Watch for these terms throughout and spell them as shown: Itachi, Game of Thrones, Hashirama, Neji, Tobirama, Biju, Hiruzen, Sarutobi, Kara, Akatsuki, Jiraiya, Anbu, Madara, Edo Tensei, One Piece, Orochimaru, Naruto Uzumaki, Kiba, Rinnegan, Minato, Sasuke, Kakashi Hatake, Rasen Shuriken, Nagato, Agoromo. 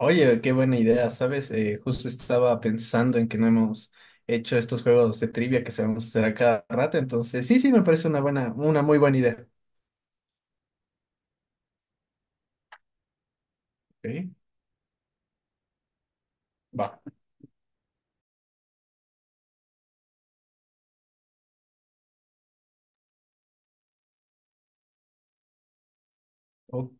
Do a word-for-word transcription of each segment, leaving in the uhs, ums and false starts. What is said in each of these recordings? Oye, qué buena idea, ¿sabes? Eh, justo estaba pensando en que no hemos hecho estos juegos de trivia que sabemos hacer a cada rato, entonces sí, sí, me parece una buena, una muy buena idea. Ok, va. Ok.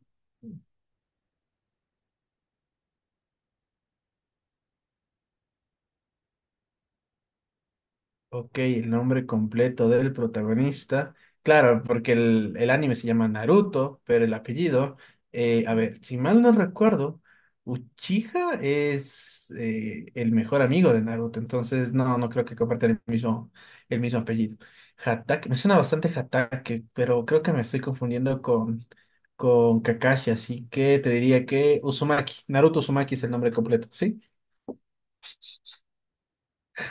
Ok, el nombre completo del protagonista. Claro, porque el, el anime se llama Naruto, pero el apellido, eh, a ver, si mal no recuerdo, Uchiha es eh, el mejor amigo de Naruto, entonces no, no creo que compartan el mismo, el mismo apellido. Hatake, me suena bastante Hatake, pero creo que me estoy confundiendo con, con Kakashi, así que te diría que Uzumaki, Naruto Uzumaki es el nombre completo, ¿sí?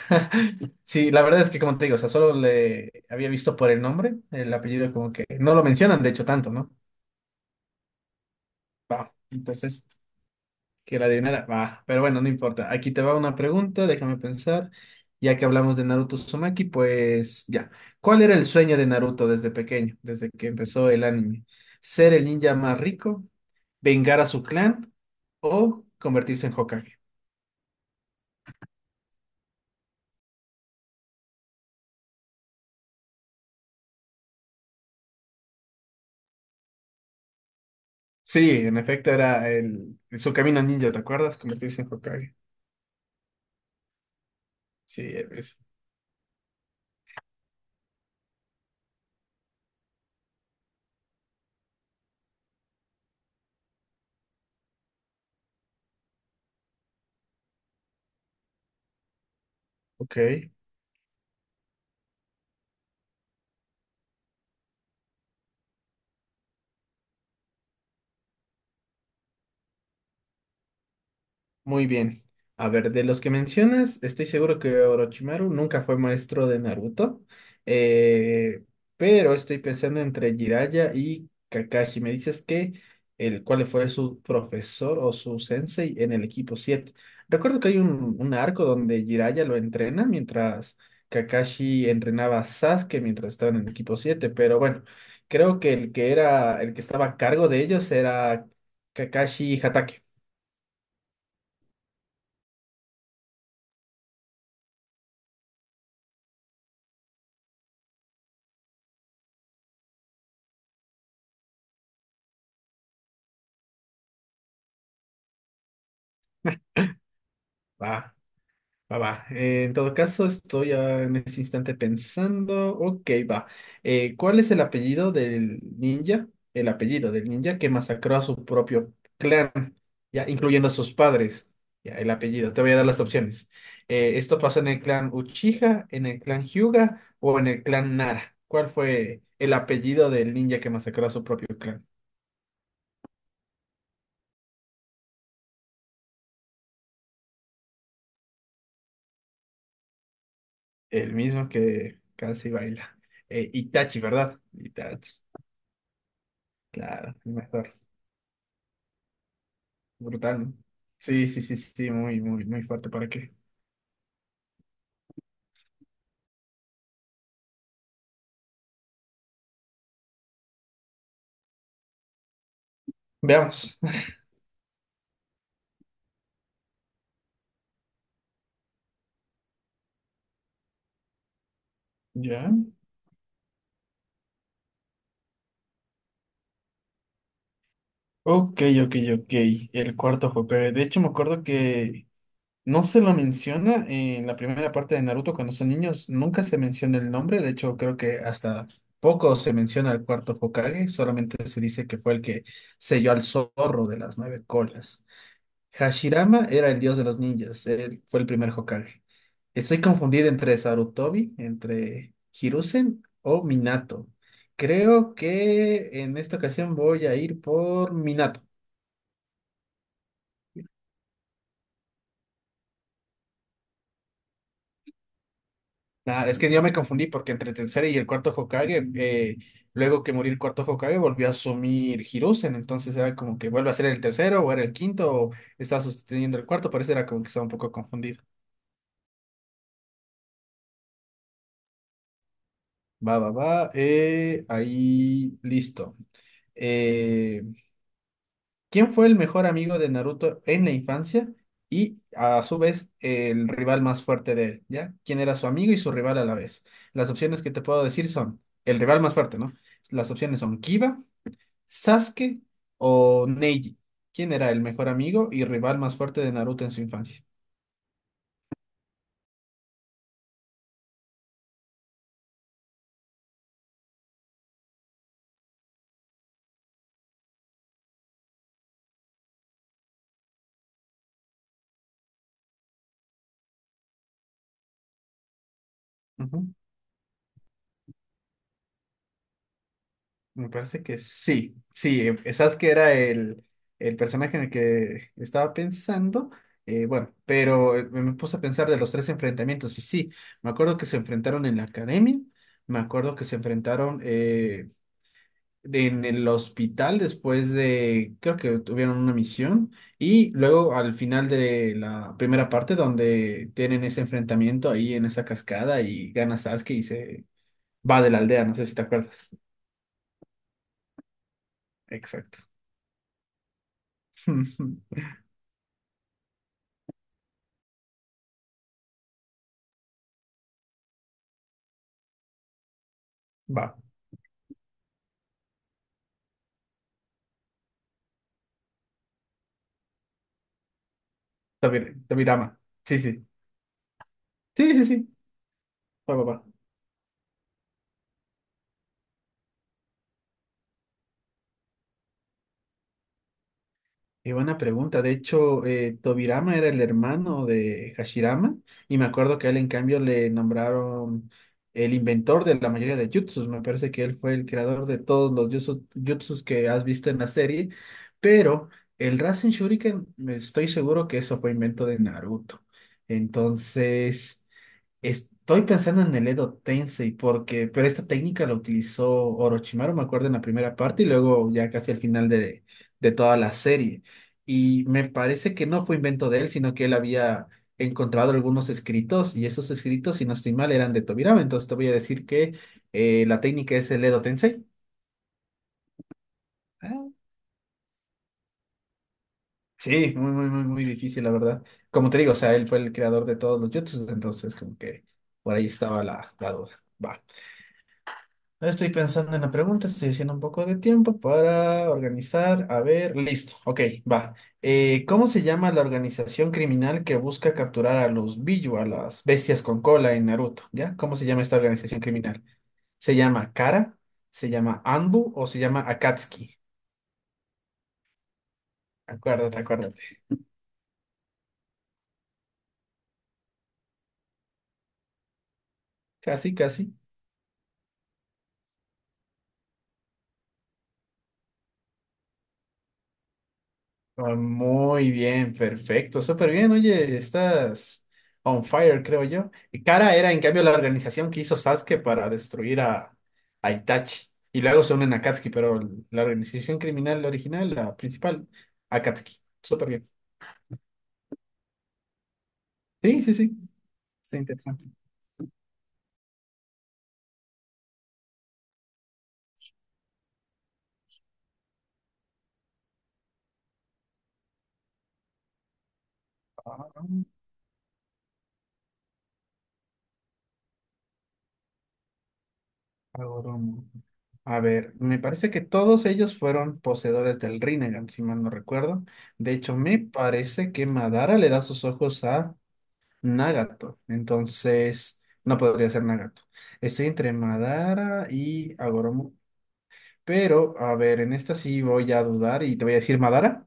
Sí, la verdad es que como te digo, o sea, solo le había visto por el nombre, el apellido como que no lo mencionan, de hecho, tanto, ¿no? Va, entonces, que la adivinara, va, pero bueno, no importa. Aquí te va una pregunta, déjame pensar. Ya que hablamos de Naruto Uzumaki, pues ya. ¿Cuál era el sueño de Naruto desde pequeño, desde que empezó el anime? ¿Ser el ninja más rico, vengar a su clan o convertirse en Hokage? Sí, en efecto era el, su camino ninja, ¿te acuerdas? Convertirse en Hokage. Sí, eso. Ok, muy bien. A ver, de los que mencionas, estoy seguro que Orochimaru nunca fue maestro de Naruto, eh, pero estoy pensando entre Jiraiya y Kakashi. Me dices que el cuál fue su profesor o su sensei en el equipo siete. Recuerdo que hay un, un arco donde Jiraiya lo entrena mientras Kakashi entrenaba a Sasuke mientras estaba en el equipo siete. Pero bueno, creo que el que era el que estaba a cargo de ellos era Kakashi Hatake. Va, va, va. Eh, en todo caso, estoy ah, en ese instante pensando. Ok, va. Eh, ¿cuál es el apellido del ninja? El apellido del ninja que masacró a su propio clan, ya incluyendo a sus padres. Ya, el apellido. Te voy a dar las opciones. Eh, ¿esto pasó en el clan Uchiha, en el clan Hyuga o en el clan Nara? ¿Cuál fue el apellido del ninja que masacró a su propio clan? El mismo que casi baila. Eh, Itachi, ¿verdad? Itachi. Claro, el mejor. Brutal. Sí, sí, sí, sí, sí, muy, muy, muy fuerte. ¿Para qué? Veamos. Ya. Ok, ok, ok. El cuarto Hokage. De hecho, me acuerdo que no se lo menciona en la primera parte de Naruto cuando son niños. Nunca se menciona el nombre. De hecho, creo que hasta poco se menciona al cuarto Hokage. Solamente se dice que fue el que selló al zorro de las nueve colas. Hashirama era el dios de los ninjas, él fue el primer Hokage. Estoy confundido entre Sarutobi, entre Hiruzen o Minato. Creo que en esta ocasión voy a ir por Minato. Ah, es que yo me confundí porque entre el tercer y el cuarto Hokage, eh, luego que murió el cuarto Hokage, volvió a asumir Hiruzen. Entonces era como que vuelve a ser el tercero o era el quinto o está sosteniendo el cuarto. Por eso era como que estaba un poco confundido. Va, va, va. Eh, ahí, listo. Eh, ¿Quién fue el mejor amigo de Naruto en la infancia y a su vez el rival más fuerte de él? ¿Ya? ¿Quién era su amigo y su rival a la vez? Las opciones que te puedo decir son el rival más fuerte, ¿no? Las opciones son Kiba, Sasuke o Neji. ¿Quién era el mejor amigo y rival más fuerte de Naruto en su infancia? Ujú. Me parece que sí, sí, esas que era el, el personaje en el que estaba pensando, eh, bueno, pero eh, me puse a pensar de los tres enfrentamientos y sí, me acuerdo que se enfrentaron en la academia, me acuerdo que se enfrentaron eh, de- en el hospital después de, creo que tuvieron una misión y luego al final de la primera parte donde tienen ese enfrentamiento ahí en esa cascada y gana Sasuke y se va de la aldea, no sé si te acuerdas. Exacto. Va, Tobir- Tobirama. Sí, sí. Sí, sí, sí. Va, va, va. Y buena pregunta. De hecho, eh, Tobirama era el hermano de Hashirama y me acuerdo que a él en cambio le nombraron el inventor de la mayoría de jutsus. Me parece que él fue el creador de todos los jutsus, jutsus que has visto en la serie, pero el Rasen Shuriken, estoy seguro que eso fue invento de Naruto. Entonces... Estoy pensando en el Edo Tensei porque, pero esta técnica la utilizó Orochimaru, me acuerdo, en la primera parte y luego ya casi al final de, de toda la serie. Y me parece que no fue invento de él, sino que él había encontrado algunos escritos y esos escritos, si no estoy mal, eran de Tobirama. Entonces te voy a decir que eh, la técnica es el Edo Tensei. Ah, sí, muy, muy, muy, muy difícil, la verdad. Como te digo, o sea, él fue el creador de todos los jutsus, entonces como que por ahí estaba la, la duda. Va. Estoy pensando en la pregunta, estoy haciendo un poco de tiempo para organizar. A ver, listo. Ok, va. Eh, ¿cómo se llama la organización criminal que busca capturar a los Biju, a las bestias con cola en Naruto? ¿Ya? ¿Cómo se llama esta organización criminal? ¿Se llama Kara? ¿Se llama Anbu o se llama Akatsuki? Acuérdate, acuérdate. Casi, casi. Ah, muy bien, perfecto, súper bien. Oye, estás on fire, creo yo. Y Kara era, en cambio, la organización que hizo Sasuke para destruir a, a Itachi. Y luego se unen a Akatsuki, pero la organización criminal original, la principal, Akatsuki. Súper bien. Sí, sí, sí. Está interesante. Ah, Agoromo. A ver, me parece que todos ellos fueron poseedores del Rinnegan, si mal no recuerdo. De hecho, me parece que Madara le da sus ojos a Nagato. Entonces, no podría ser Nagato. Estoy entre Madara y Agoromo. Pero, a ver, en esta sí voy a dudar y te voy a decir Madara.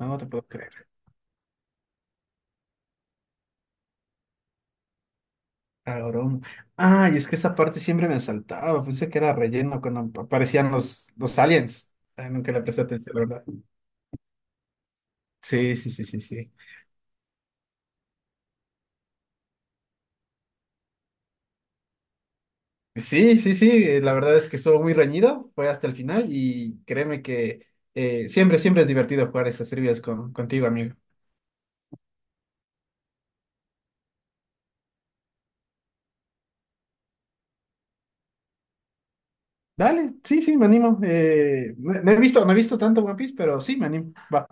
No, no te puedo creer. Agoromo. Ah, y es que esa parte siempre me saltaba. Pensé que era relleno cuando aparecían los, los aliens. Ay, nunca le presté atención, la verdad. Sí, sí, sí, sí, sí. Sí, sí, sí. eh, La verdad es que estuvo muy reñido. Fue hasta el final y créeme que eh, siempre, siempre es divertido jugar estas trivias con, contigo, amigo. Dale, sí, sí, me animo. Eh, no, no he visto, no he visto tanto One Piece, pero sí, me animo. Va.